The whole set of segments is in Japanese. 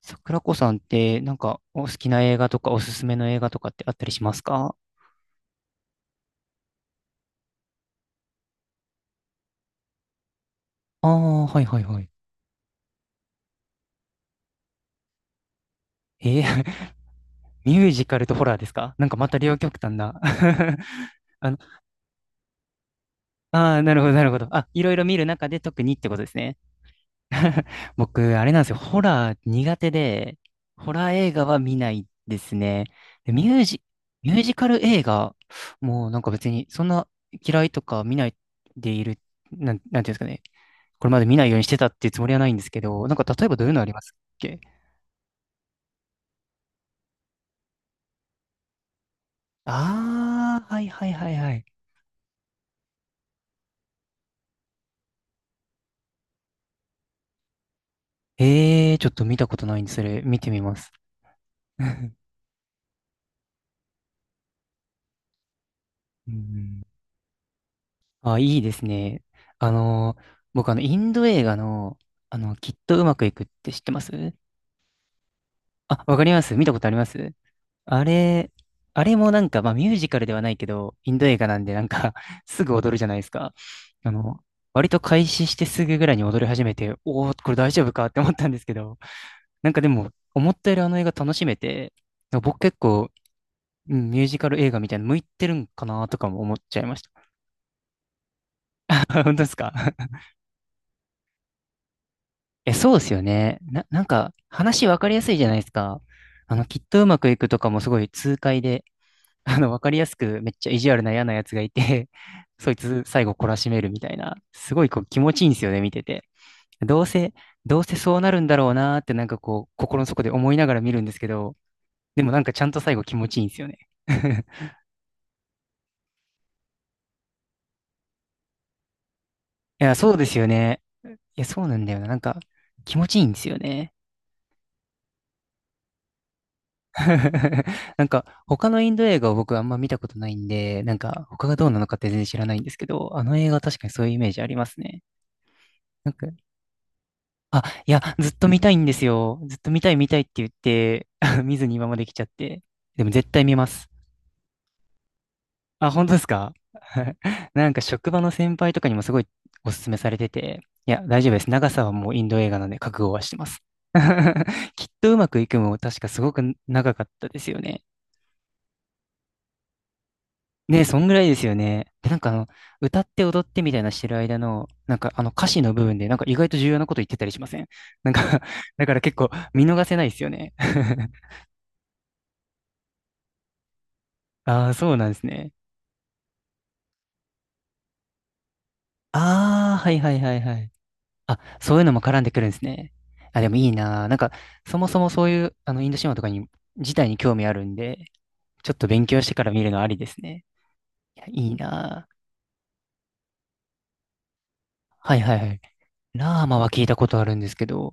桜子さんって、お好きな映画とか、おすすめの映画とかってあったりしますか？ああー、はいはいはい。えー。 ミュージカルとホラーですか？なんかまた両極端な。 あの、ああ、なるほど、なるほど。あ、いろいろ見る中で特にってことですね。僕、あれなんですよ。ホラー苦手で、ホラー映画は見ないですね。でミュージカル映画、もうなんか別に、そんな嫌いとか見ないでいる、なんていうんですかね。これまで見ないようにしてたっていうつもりはないんですけど、なんか例えばどういうのありますっけ？ああー、はいはいはいはい。ええー、ちょっと見たことないんで、それ見てみます。うん。うん。あ、いいですね。あの、僕インド映画の、きっとうまくいくって知ってますあ、わかります、見たことあります。あれ、あれもなんか、まあミュージカルではないけど、インド映画なんでなんか、 すぐ踊るじゃないですか。あの、割と開始してすぐぐらいに踊り始めて、おお、これ大丈夫かって思ったんですけど、なんかでも、思ったよりあの映画楽しめて、僕結構、うん、ミュージカル映画みたいなの向いてるんかなとかも思っちゃいました。本当ですか？ え、そうですよね。なんか、話わかりやすいじゃないですか。きっとうまくいくとかもすごい痛快で、わかりやすくめっちゃ意地悪な嫌なやつがいて、そいつ最後懲らしめるみたいな、すごいこう気持ちいいんですよね、見てて。どうせ、どうせそうなるんだろうなーってなんかこう、心の底で思いながら見るんですけど、でもなんかちゃんと最後気持ちいいんですよね。いや、そうですよね。いや、そうなんだよな。なんか、気持ちいいんですよね。なんか、他のインド映画を僕あんま見たことないんで、なんか、他がどうなのかって全然知らないんですけど、あの映画確かにそういうイメージありますね。なんか、あ、いや、ずっと見たいんですよ。ずっと見たい見たいって言って、見ずに今まで来ちゃって。でも絶対見ます。あ、本当ですか？ なんか職場の先輩とかにもすごいおすすめされてて、いや、大丈夫です。長さはもうインド映画なんで覚悟はしてます。きっとうまくいくも確かすごく長かったですよね。ねえ、そんぐらいですよね。で、なんか歌って踊ってみたいなしてる間の、なんかあの歌詞の部分でなんか意外と重要なこと言ってたりしません？ なんか、 だから結構見逃せないですよね。ああ、そうなんですね。ああ、はいはいはいはい。あ、そういうのも絡んでくるんですね。あ、でもいいなぁ。なんか、そもそもそういう、インド神話とかに、自体に興味あるんで、ちょっと勉強してから見るのありですね。いや、いいなぁ。はいはいはい。ラーマは聞いたことあるんですけど、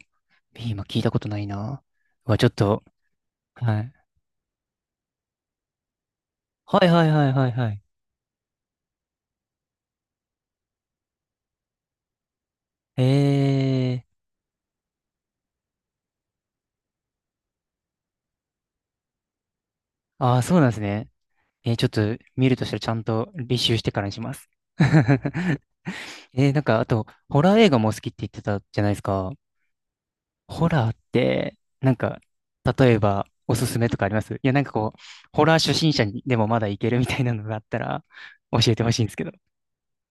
ビーマ聞いたことないなぁ。うわ、ちょっと、はい。はいはいはいはいはい。えー、ああ、そうなんですね。えー、ちょっと見るとしたらちゃんと履修してからにします。えー、なんか、あと、ホラー映画も好きって言ってたじゃないですか。ホラーって、なんか、例えば、おすすめとかありますいや、なんかこう、ホラー初心者にでもまだいけるみたいなのがあったら、教えてほしいんですけど。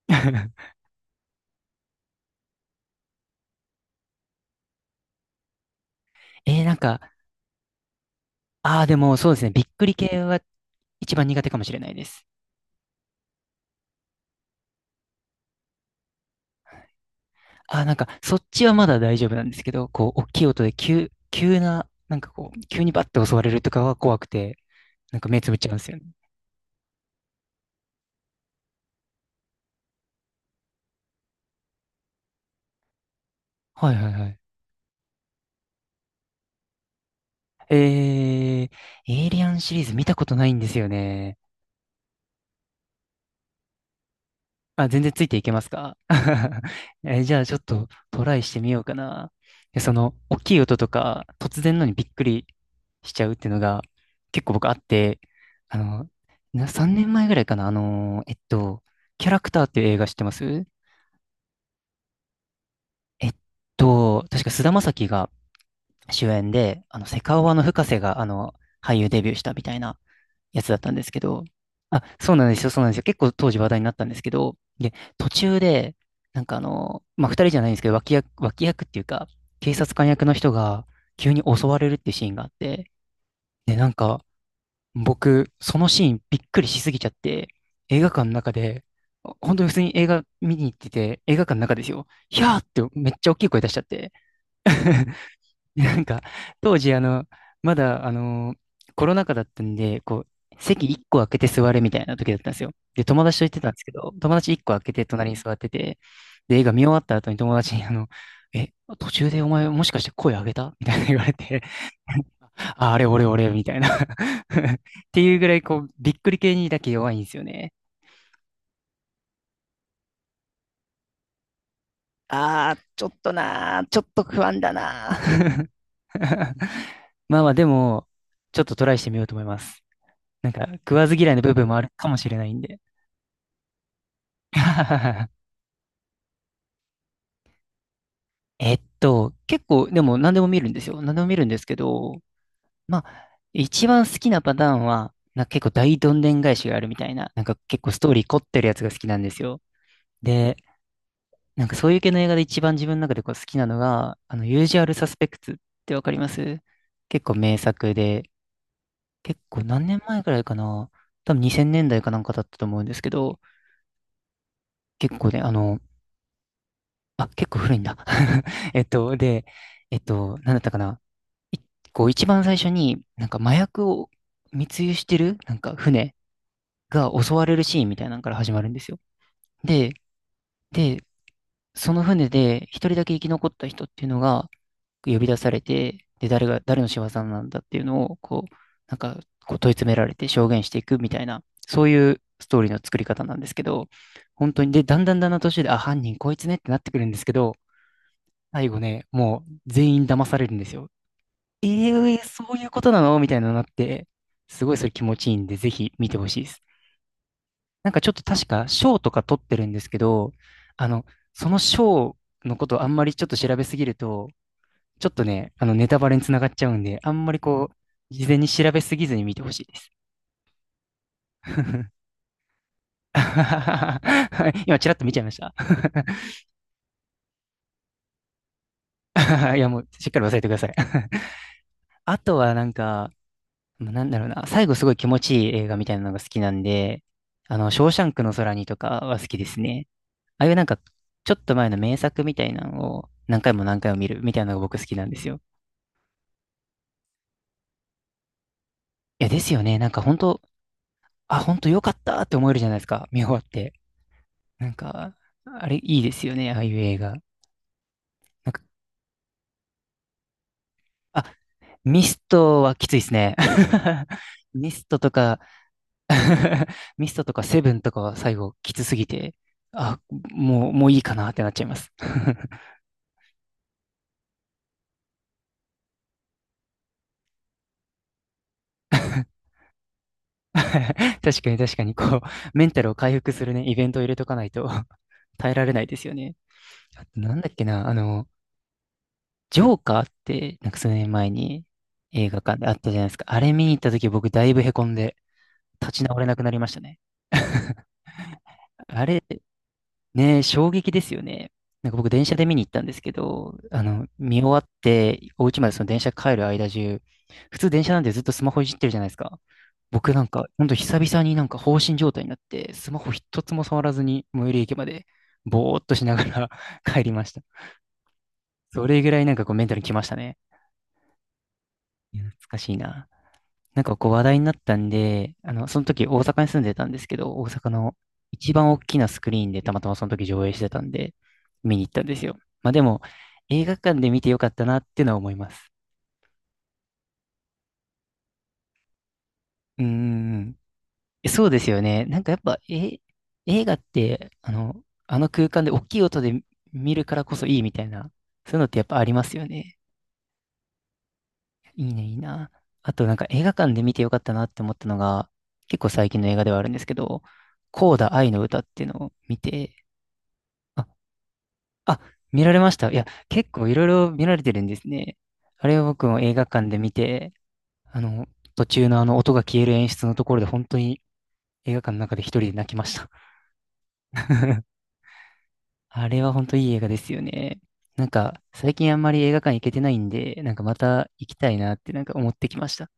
えー、なんか、ああ、でもそうですね、びっくり系は一番苦手かもしれないです。ああ、なんか、そっちはまだ大丈夫なんですけど、こう、大きい音で急な、なんかこう、急にバッて襲われるとかは怖くて、なんか目つぶっちゃうんですよね。はいはいはい。えー、エイリアンシリーズ見たことないんですよね。あ、全然ついていけますか？ え、じゃあちょっとトライしてみようかな。え、その、大きい音とか、突然のにびっくりしちゃうっていうのが、結構僕あって、あの、3年前ぐらいかな、キャラクターっていう映画知ってますえっ確か菅田将暉が主演で、セカオワの深瀬が、俳優デビューしたみたいなやつだったんですけど、あ、そうなんですよ、そうなんですよ。結構当時話題になったんですけど、で、途中で、なんかまあ、二人じゃないんですけど、脇役っていうか、警察官役の人が急に襲われるってシーンがあって、で、なんか、僕、そのシーンびっくりしすぎちゃって、映画館の中で、本当に普通に映画見に行ってて、映画館の中ですよ、ひゃーってめっちゃ大きい声出しちゃって、なんか、当時、まだ、コロナ禍だったんで、こう、席1個空けて座れみたいな時だったんですよ。で、友達と行ってたんですけど、友達1個空けて隣に座ってて、で、映画見終わった後に友達に、え、途中でお前もしかして声上げたみたいな、 言われて、あ、あれ俺俺みたいな。 っていうぐらい、こう、びっくり系にだけ弱いんですよね。ああ、まあまあ、でも、ちょっとトライしてみようと思います。なんか、食わず嫌いの部分もあるかもしれないんで。結構、でも何でも見るんですよ。何でも見るんですけど、まあ、一番好きなパターンは、なんか結構大どんでん返しがあるみたいな、なんか結構ストーリー凝ってるやつが好きなんですよ。で、なんかそういう系の映画で一番自分の中でこう好きなのが、ユージュアルサスペクツってわかります？結構名作で、結構何年前くらいかな、多分2000年代かなんかだったと思うんですけど、結構ね、あ、結構古いんだ。えっと、で、えっと、なんだったかな、いこう一番最初になんか麻薬を密輸してるなんか船が襲われるシーンみたいなのから始まるんですよ。で、で、その船で一人だけ生き残った人っていうのが呼び出されて、で、誰が、誰の仕業なんだっていうのを、こう、なんか、こう問い詰められて証言していくみたいな、そういうストーリーの作り方なんですけど、本当に、で、だんだんだんだん途中で、あ、犯人こいつねってなってくるんですけど、最後ね、もう全員騙されるんですよ。ええ、そういうことなのみたいなのになって、すごいそれ気持ちいいんで、ぜひ見てほしいです。なんかちょっと確か賞とか取ってるんですけど、あの、その賞のことあんまりちょっと調べすぎると、ちょっとね、ネタバレにつながっちゃうんで、あんまりこう、事前に調べすぎずに見てほしいです。今、ちらっと見ちゃいました。いや、もう、しっかり忘れてください。あとはなんか、まあなんだろうな、最後すごい気持ちいい映画みたいなのが好きなんで、ショーシャンクの空にとかは好きですね。ああいうなんか、ちょっと前の名作みたいなのを何回も何回も見るみたいなのが僕好きなんですよ。いや、ですよね。なんか本当、あ、本当よかったって思えるじゃないですか。見終わって。なんか、あれいいですよね。ああいう映画。なんか、あ、ミストはきついですね。ミストとか ミストとかセブンとかは最後きつすぎて、あ、もういいかなってなっちゃいます。確かに。こう、メンタルを回復するね、イベントを入れとかないと 耐えられないですよね。あとなんだっけな、ジョーカーって、なんか数年前に映画館であったじゃないですか。あれ見に行った時僕だいぶへこんで立ち直れなくなりましたね。あれ、ねえ、衝撃ですよね。なんか僕電車で見に行ったんですけど、見終わって、お家までその電車帰る間中、普通電車なんでずっとスマホいじってるじゃないですか。僕なんか、ほんと久々になんか放心状態になって、スマホ一つも触らずに最寄り駅まで、ぼーっとしながら 帰りました。それぐらいなんかこうメンタルきましたね。いや懐かしいな。なんかこう話題になったんで、その時大阪に住んでたんですけど、大阪の一番大きなスクリーンでたまたまその時上映してたんで、見に行ったんですよ。まあでも、映画館で見てよかったなっていうのは思います。うーん。そうですよね。なんかやっぱ、え、映画って、あの空間で大きい音で見るからこそいいみたいな、そういうのってやっぱありますよね。いいね、いいな。あとなんか映画館で見てよかったなって思ったのが、結構最近の映画ではあるんですけど、コーダ愛の歌っていうのを見て、あ、あ、見られましたいや、結構いろいろ見られてるんですね。あれを僕も映画館で見て、あの、途中のあの音が消える演出のところで本当に映画館の中で一人で泣きました。あれは本当いい映画ですよね。なんか最近あんまり映画館行けてないんで、なんかまた行きたいなってなんか思ってきました。